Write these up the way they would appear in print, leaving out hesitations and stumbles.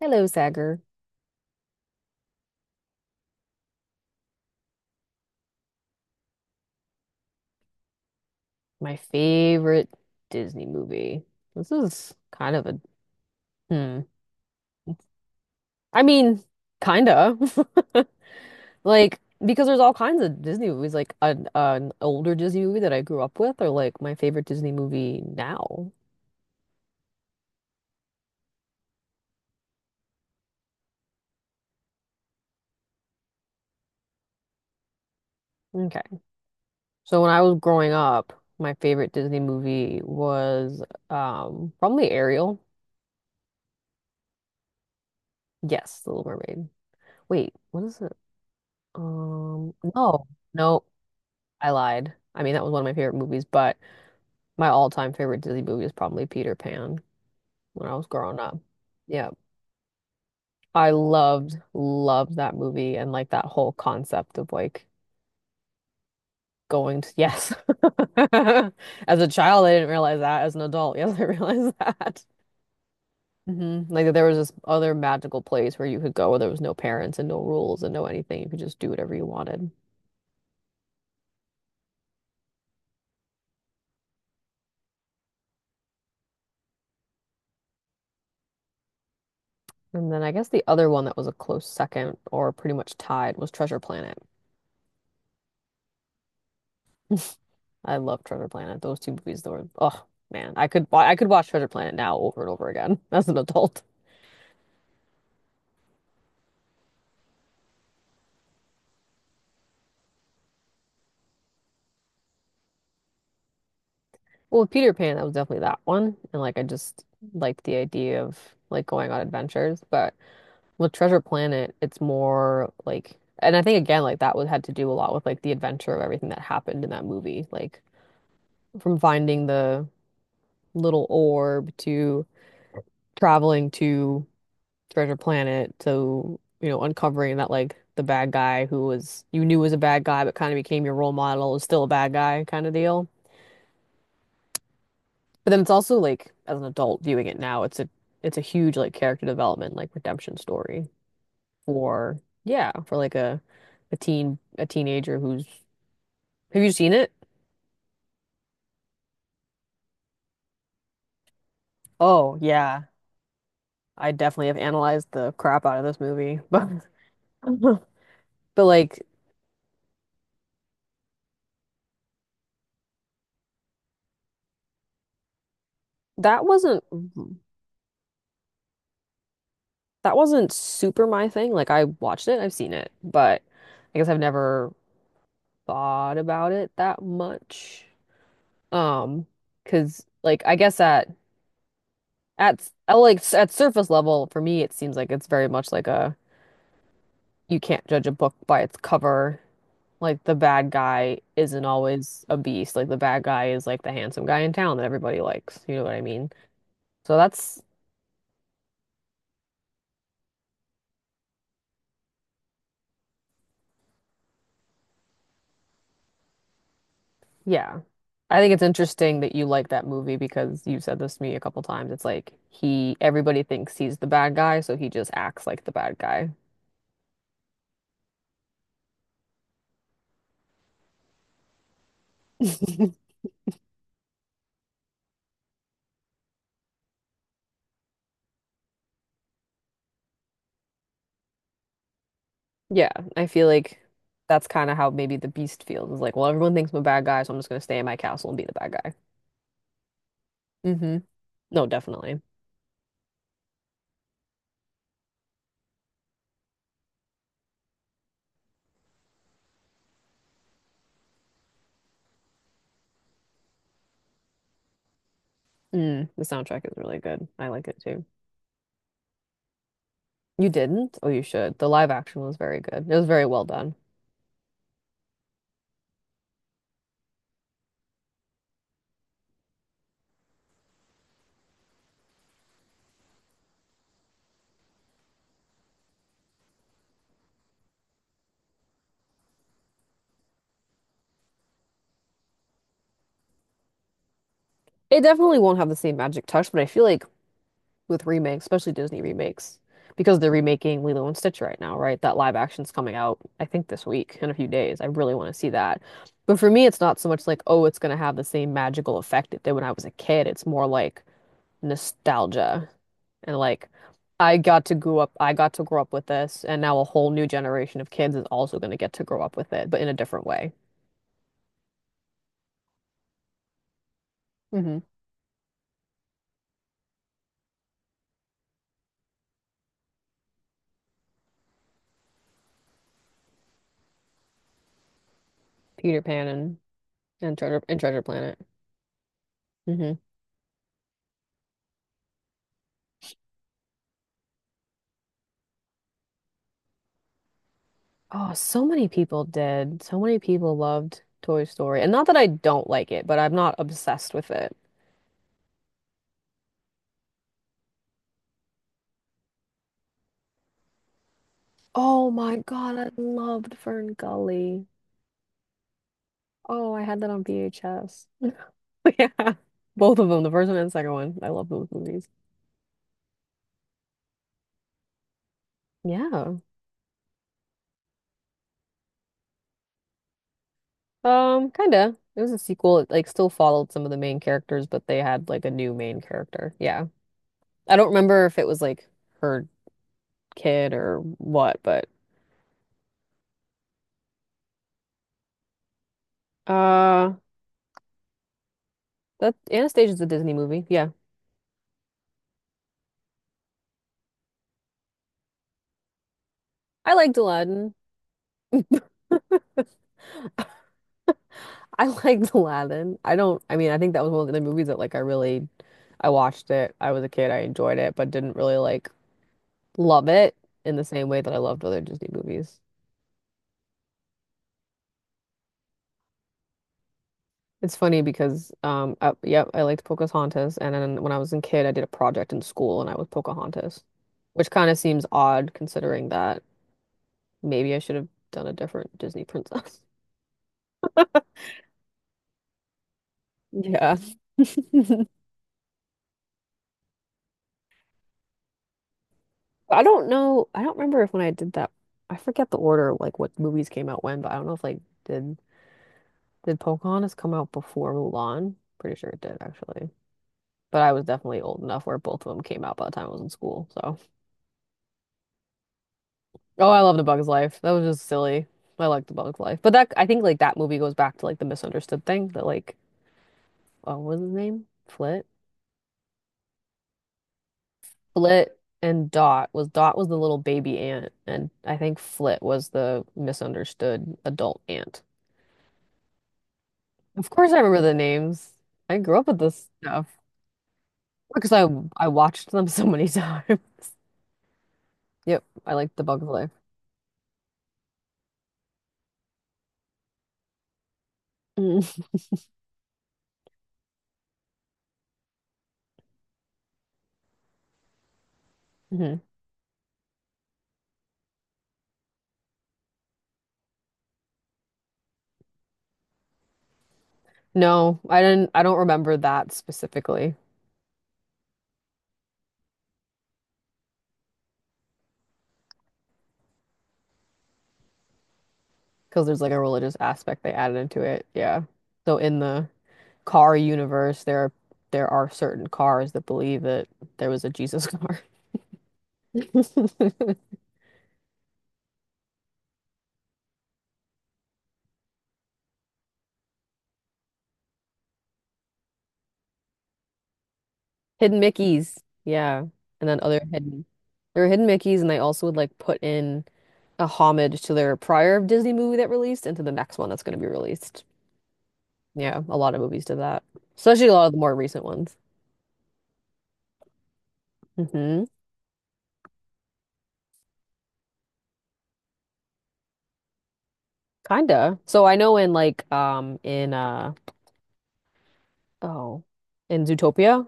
Hello, Sagar. My favorite Disney movie. This is kind of a hmm. I mean, kinda. Like, because there's all kinds of Disney movies. Like an older Disney movie that I grew up with, or like my favorite Disney movie now. Okay. So when I was growing up, my favorite Disney movie was probably Ariel. Yes, The Little Mermaid. Wait, what is it? No, no, I lied. I mean, that was one of my favorite movies, but. My all-time favorite Disney movie is probably Peter Pan when I was growing up. Yeah. I loved, loved that movie and like that whole concept of like going to, yes. As a child, I didn't realize that. As an adult, yes, I realized that. Like there was this other magical place where you could go where there was no parents and no rules and no anything. You could just do whatever you wanted. And then I guess the other one that was a close second or pretty much tied was Treasure Planet. I love Treasure Planet. Those two movies though were, oh man, I could I could watch Treasure Planet now over and over again as an adult. Well, with Peter Pan, that was definitely that one, and like I just like the idea of like going on adventures. But with Treasure Planet, it's more like, and I think again like that was had to do a lot with like the adventure of everything that happened in that movie, like from finding the little orb to traveling to Treasure Planet. So, uncovering that like the bad guy who was you knew was a bad guy but kind of became your role model is still a bad guy kind of deal. But then it's also like as an adult viewing it now, it's a huge like character development, like redemption story for yeah, for like a teen a teenager who's have you seen it? Oh yeah. I definitely have analyzed the crap out of this movie. But but like that wasn't that wasn't super my thing. Like I watched it, I've seen it, but I guess I've never thought about it that much. Um, 'Cause like I guess I like at surface level for me it seems like it's very much like a you can't judge a book by its cover. Like the bad guy isn't always a beast. Like the bad guy is like the handsome guy in town that everybody likes. You know what I mean? So that's yeah. I think it's interesting that you like that movie because you've said this to me a couple times. It's like he, everybody thinks he's the bad guy, so he just acts like the bad guy. Yeah, I feel like that's kind of how maybe the Beast feels. It's like, well, everyone thinks I'm a bad guy, so I'm just gonna stay in my castle and be the bad guy. Mm-hmm. No, definitely. Mm, the soundtrack is really good. I like it too. You didn't? Oh, you should. The live action was very good. It was very well done. It definitely won't have the same magic touch, but I feel like with remakes, especially Disney remakes, because they're remaking Lilo and Stitch right now, right? That live action's coming out, I think, this week in a few days. I really want to see that. But for me, it's not so much like, oh, it's going to have the same magical effect it did when I was a kid. It's more like nostalgia and like, I got to grow up with this, and now a whole new generation of kids is also going to get to grow up with it, but in a different way. hmm Peter Pan and Treasure Planet. hmm Oh, so many people did. So many people loved Toy Story. And not that I don't like it, but I'm not obsessed with it. Oh my God, I loved Fern Gully. Oh, I had that on VHS. Yeah. Both of them, the first one and second one. I love those movies. Yeah. Kinda. It was a sequel. It like still followed some of the main characters, but they had like a new main character. Yeah. I don't remember if it was like her kid or what, but uh that Anastasia's a Disney movie. Yeah. I liked Aladdin. I liked Aladdin. I don't, I mean, I think that was one of the movies that I watched it. I was a kid. I enjoyed it, but didn't really like love it in the same way that I loved other Disney movies. It's funny because, I, yep, I liked Pocahontas, and then when I was a kid, I did a project in school, and I was Pocahontas, which kind of seems odd considering that maybe I should have done a different Disney princess. Yeah. I don't know. I don't remember if when I did that, I forget the order of like what movies came out when, but I don't know if like did Pocahontas come out before Mulan? Pretty sure it did actually. But I was definitely old enough where both of them came out by the time I was in school. So, oh, I love The Bug's Life. That was just silly. I like The Bug's Life, but that I think like that movie goes back to like the misunderstood thing that like oh, what was his name? Flit, Flit, and Dot was the little baby aunt, and I think Flit was the misunderstood adult aunt. Of course I remember the names. I grew up with this stuff because I watched them so many times. Yep, I like The Bug Life. Mm-hmm. No, I don't remember that specifically because there's like a religious aspect they added into it. Yeah. So in the car universe there are certain cars that believe that there was a Jesus car. Hidden Mickeys. Yeah. And then other hidden there were hidden Mickeys, and they also would like put in a homage to their prior Disney movie that released and to the next one that's going to be released. Yeah, a lot of movies did that, especially a lot of the more recent ones. hmm Kinda. So I know in like oh in Zootopia,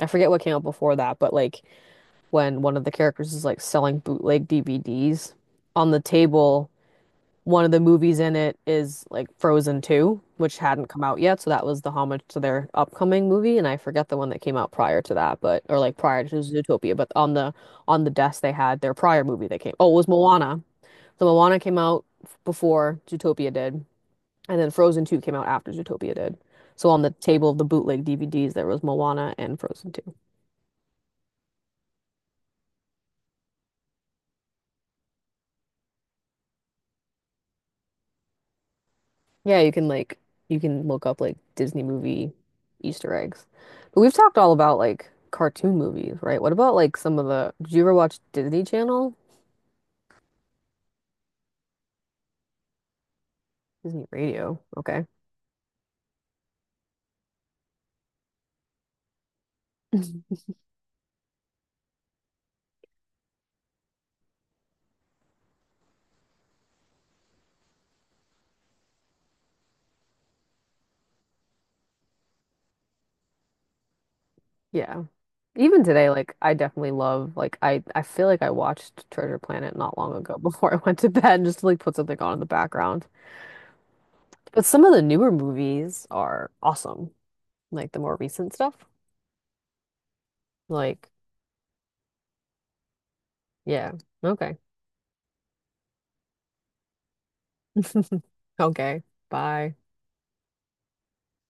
I forget what came out before that, but like when one of the characters is like selling bootleg DVDs on the table one of the movies in it is like Frozen 2, which hadn't come out yet, so that was the homage to their upcoming movie, and I forget the one that came out prior to that, but or like prior to Zootopia, but on the desk they had their prior movie that came. Oh, it was Moana. So Moana came out before Zootopia did, and then Frozen 2 came out after Zootopia did. So on the table of the bootleg DVDs there was Moana and Frozen Two. Yeah, you can look up like Disney movie Easter eggs. But we've talked all about like cartoon movies, right? What about like some of the did you ever watch Disney Channel? Disney Radio. Okay. Yeah. Even today, like I definitely love like I feel like I watched Treasure Planet not long ago before I went to bed just to like put something on in the background. But some of the newer movies are awesome. Like the more recent stuff. Like, yeah. Okay. Okay. Bye.